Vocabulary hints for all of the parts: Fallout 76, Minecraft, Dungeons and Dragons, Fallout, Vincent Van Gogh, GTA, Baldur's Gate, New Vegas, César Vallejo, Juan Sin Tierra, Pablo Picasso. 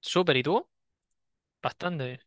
Súper, ¿y tú? Bastante.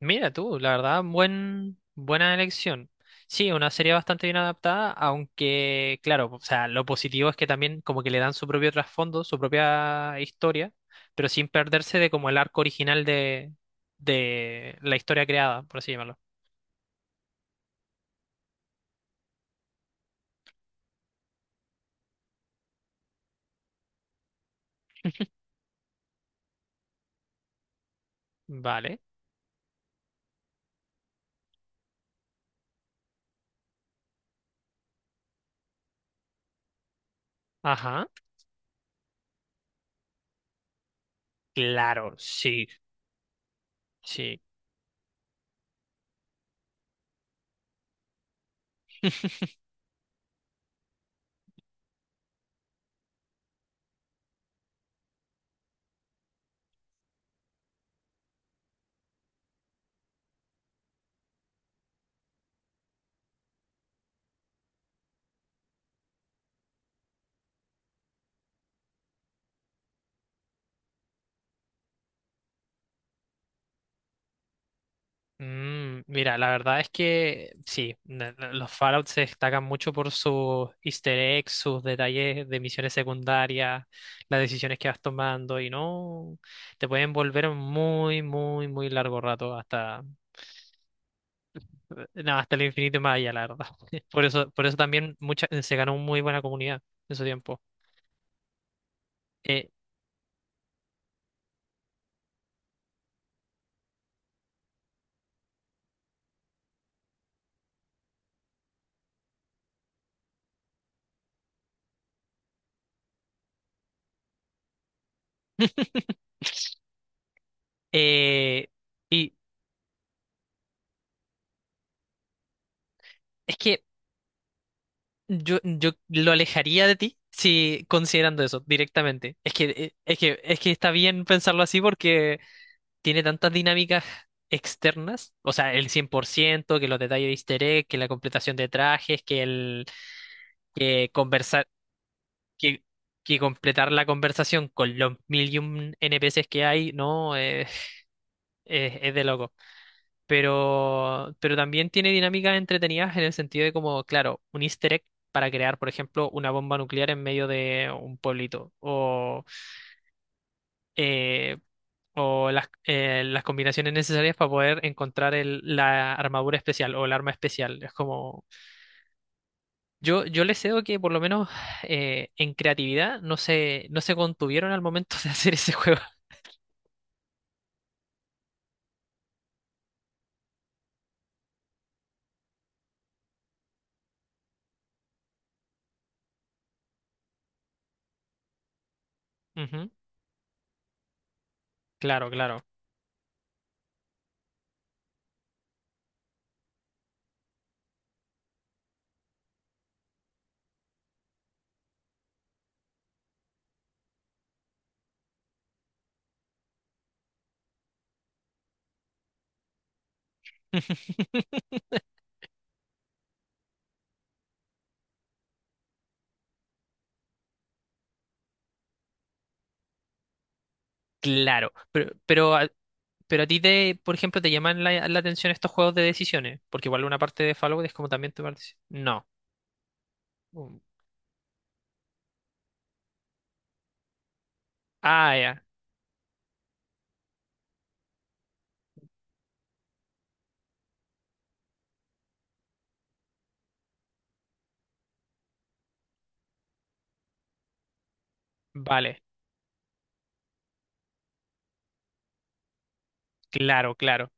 Mira tú, la verdad, buena elección. Sí, una serie bastante bien adaptada, aunque, claro, o sea, lo positivo es que también como que le dan su propio trasfondo, su propia historia, pero sin perderse de como el arco original de la historia creada, por así llamarlo. Vale. Ajá. Claro, sí, sí. Mm, mira, la verdad es que sí, los Fallout se destacan mucho por sus easter eggs, sus detalles de misiones secundarias, las decisiones que vas tomando y no te pueden volver muy, muy, muy largo rato hasta, no, hasta el infinito y más allá, la verdad. Por eso también mucha, se ganó muy buena comunidad en su tiempo. Eh, eh, y es que Yo lo alejaría de ti si considerando eso directamente. Es que, es que, es que está bien pensarlo así porque tiene tantas dinámicas externas, o sea, el cien por ciento que los detalles de easter egg, que la completación de trajes, que conversar, que, que completar la conversación con los mil y un NPCs que hay, no, es de loco pero también tiene dinámicas entretenidas en el sentido de como, claro, un easter egg para crear, por ejemplo, una bomba nuclear en medio de un pueblito, eh, o las combinaciones necesarias para poder encontrar la armadura especial o el arma especial. Es como, yo les cedo que por lo menos en creatividad no se, no se contuvieron al momento de hacer ese juego. Ujú. Claro, claro. Claro, pero, pero a ti te, por ejemplo, te llaman la, la atención estos juegos de decisiones, porque igual una parte de Fallout es como también tu parte. No. Mm. Ah, ya. Vale. Claro, claro,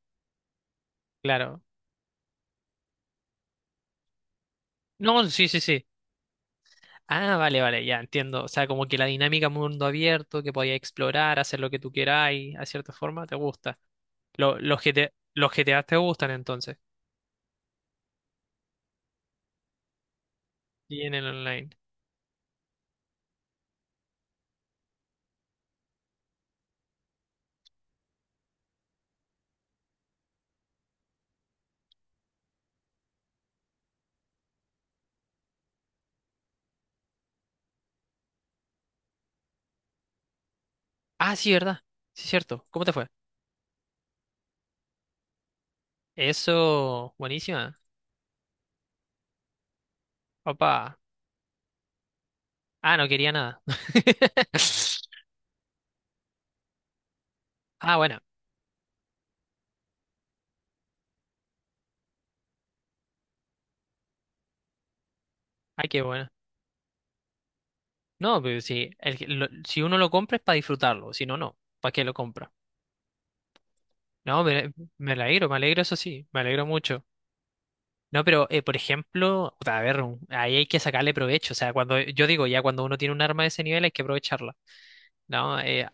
claro. No, sí, sí, sí. Ah, vale, vale, ya entiendo. O sea, como que la dinámica mundo abierto, que podías explorar, hacer lo que tú queráis, a cierta forma, te gusta. Los GTA, los GTA te gustan entonces. Y en el online. Ah, sí, ¿verdad? Sí, cierto. ¿Cómo te fue? Eso, buenísima. Opa. Ah, no quería nada. Ah, bueno. Ay, qué bueno. No, pero si, si uno lo compra es para disfrutarlo, si no, no. ¿Para qué lo compra? No, me alegro, eso sí, me alegro mucho. No, pero por ejemplo, puta, a ver, ahí hay que sacarle provecho. O sea, cuando yo digo, ya cuando uno tiene un arma de ese nivel hay que aprovecharla. No,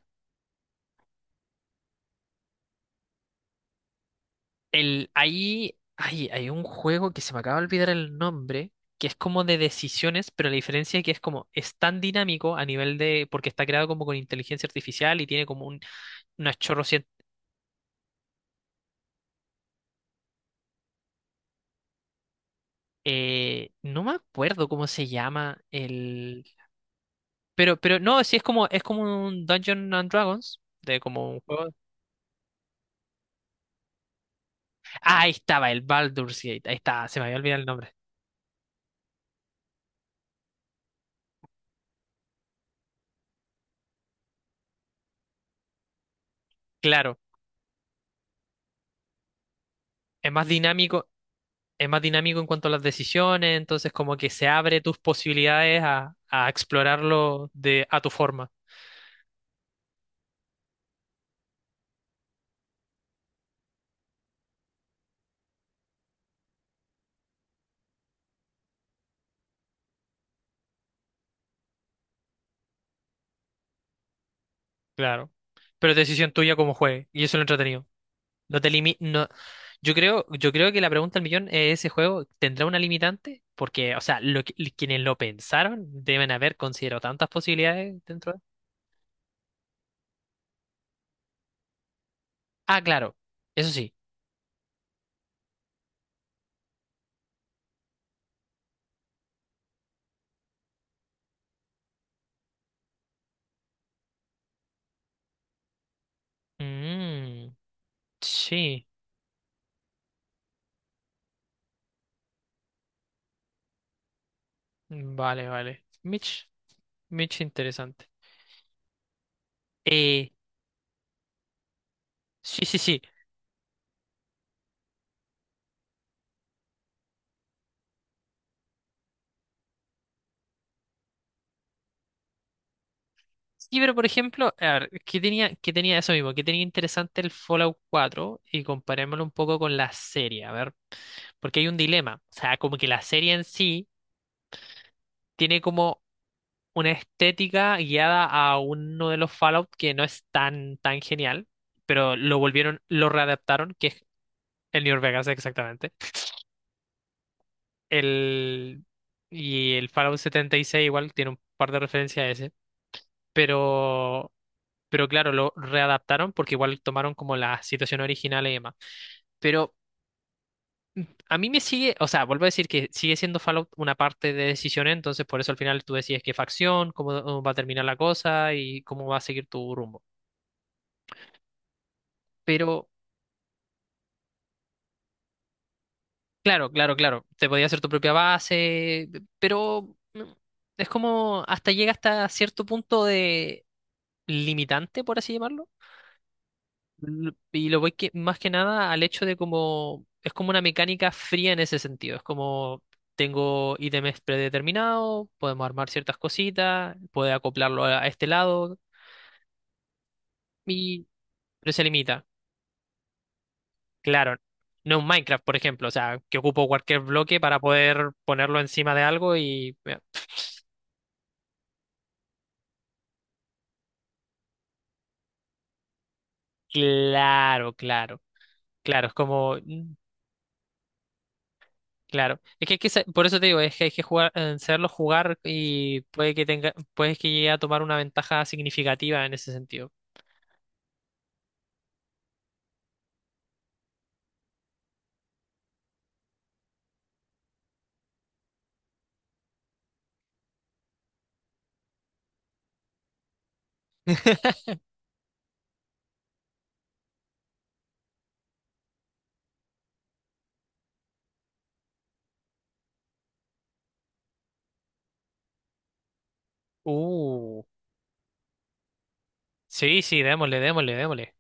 ahí hay, hay un juego que se me acaba de olvidar el nombre, que es como de decisiones, pero la diferencia es que es como, es tan dinámico a nivel de, porque está creado como con inteligencia artificial y tiene como un, unas chorro. No me acuerdo cómo se llama el. Pero no, sí es como un Dungeons and Dragons. De como un juego. Ah, ahí estaba, el Baldur's Gate. Ahí está, se me había olvidado el nombre. Claro, es más dinámico, es más dinámico en cuanto a las decisiones, entonces como que se abre tus posibilidades a explorarlo de, a tu forma. Claro. Pero es decisión tuya como juegue. Y eso es lo entretenido. No. Yo creo que la pregunta del millón es ese juego tendrá una limitante, porque, o sea, quienes lo pensaron deben haber considerado tantas posibilidades dentro de... Ah, claro, eso sí. Mm, sí, vale, vale. Mitch, Mitch, interesante. Eh, sí, sí, sí. Sí, pero por ejemplo, a ver, qué tenía eso mismo? ¿Qué tenía interesante el Fallout cuatro? Y comparémoslo un poco con la serie, a ver, porque hay un dilema. O sea, como que la serie en sí tiene como una estética guiada a uno de los Fallout que no es tan, tan genial, pero lo volvieron, lo readaptaron, que es el New Vegas exactamente. El, y el Fallout 76 igual tiene un par de referencias a ese, pero, pero claro, lo readaptaron porque igual tomaron como la situación original y demás. Pero a mí me sigue, o sea, vuelvo a decir que sigue siendo Fallout una parte de decisiones, entonces por eso al final tú decides qué facción, cómo va a terminar la cosa y cómo va a seguir tu rumbo. Pero claro, claro, claro. Te podía hacer tu propia base, pero mm, es como hasta llega hasta cierto punto de limitante, por así llamarlo. Y lo voy que, más que nada al hecho de como es como una mecánica fría en ese sentido. Es como tengo ítems predeterminados, podemos armar ciertas cositas, puede acoplarlo a este lado y pero se limita. Claro, no un Minecraft, por ejemplo, o sea, que ocupo cualquier bloque para poder ponerlo encima de algo y claro, claro, claro, es como, mm, claro, es que, por eso te digo, es que hay que jugar, saberlo jugar y puede que tenga, puede que llegue a tomar una ventaja significativa en ese sentido. Uh, sí, sí, démosle, démosle, démosle.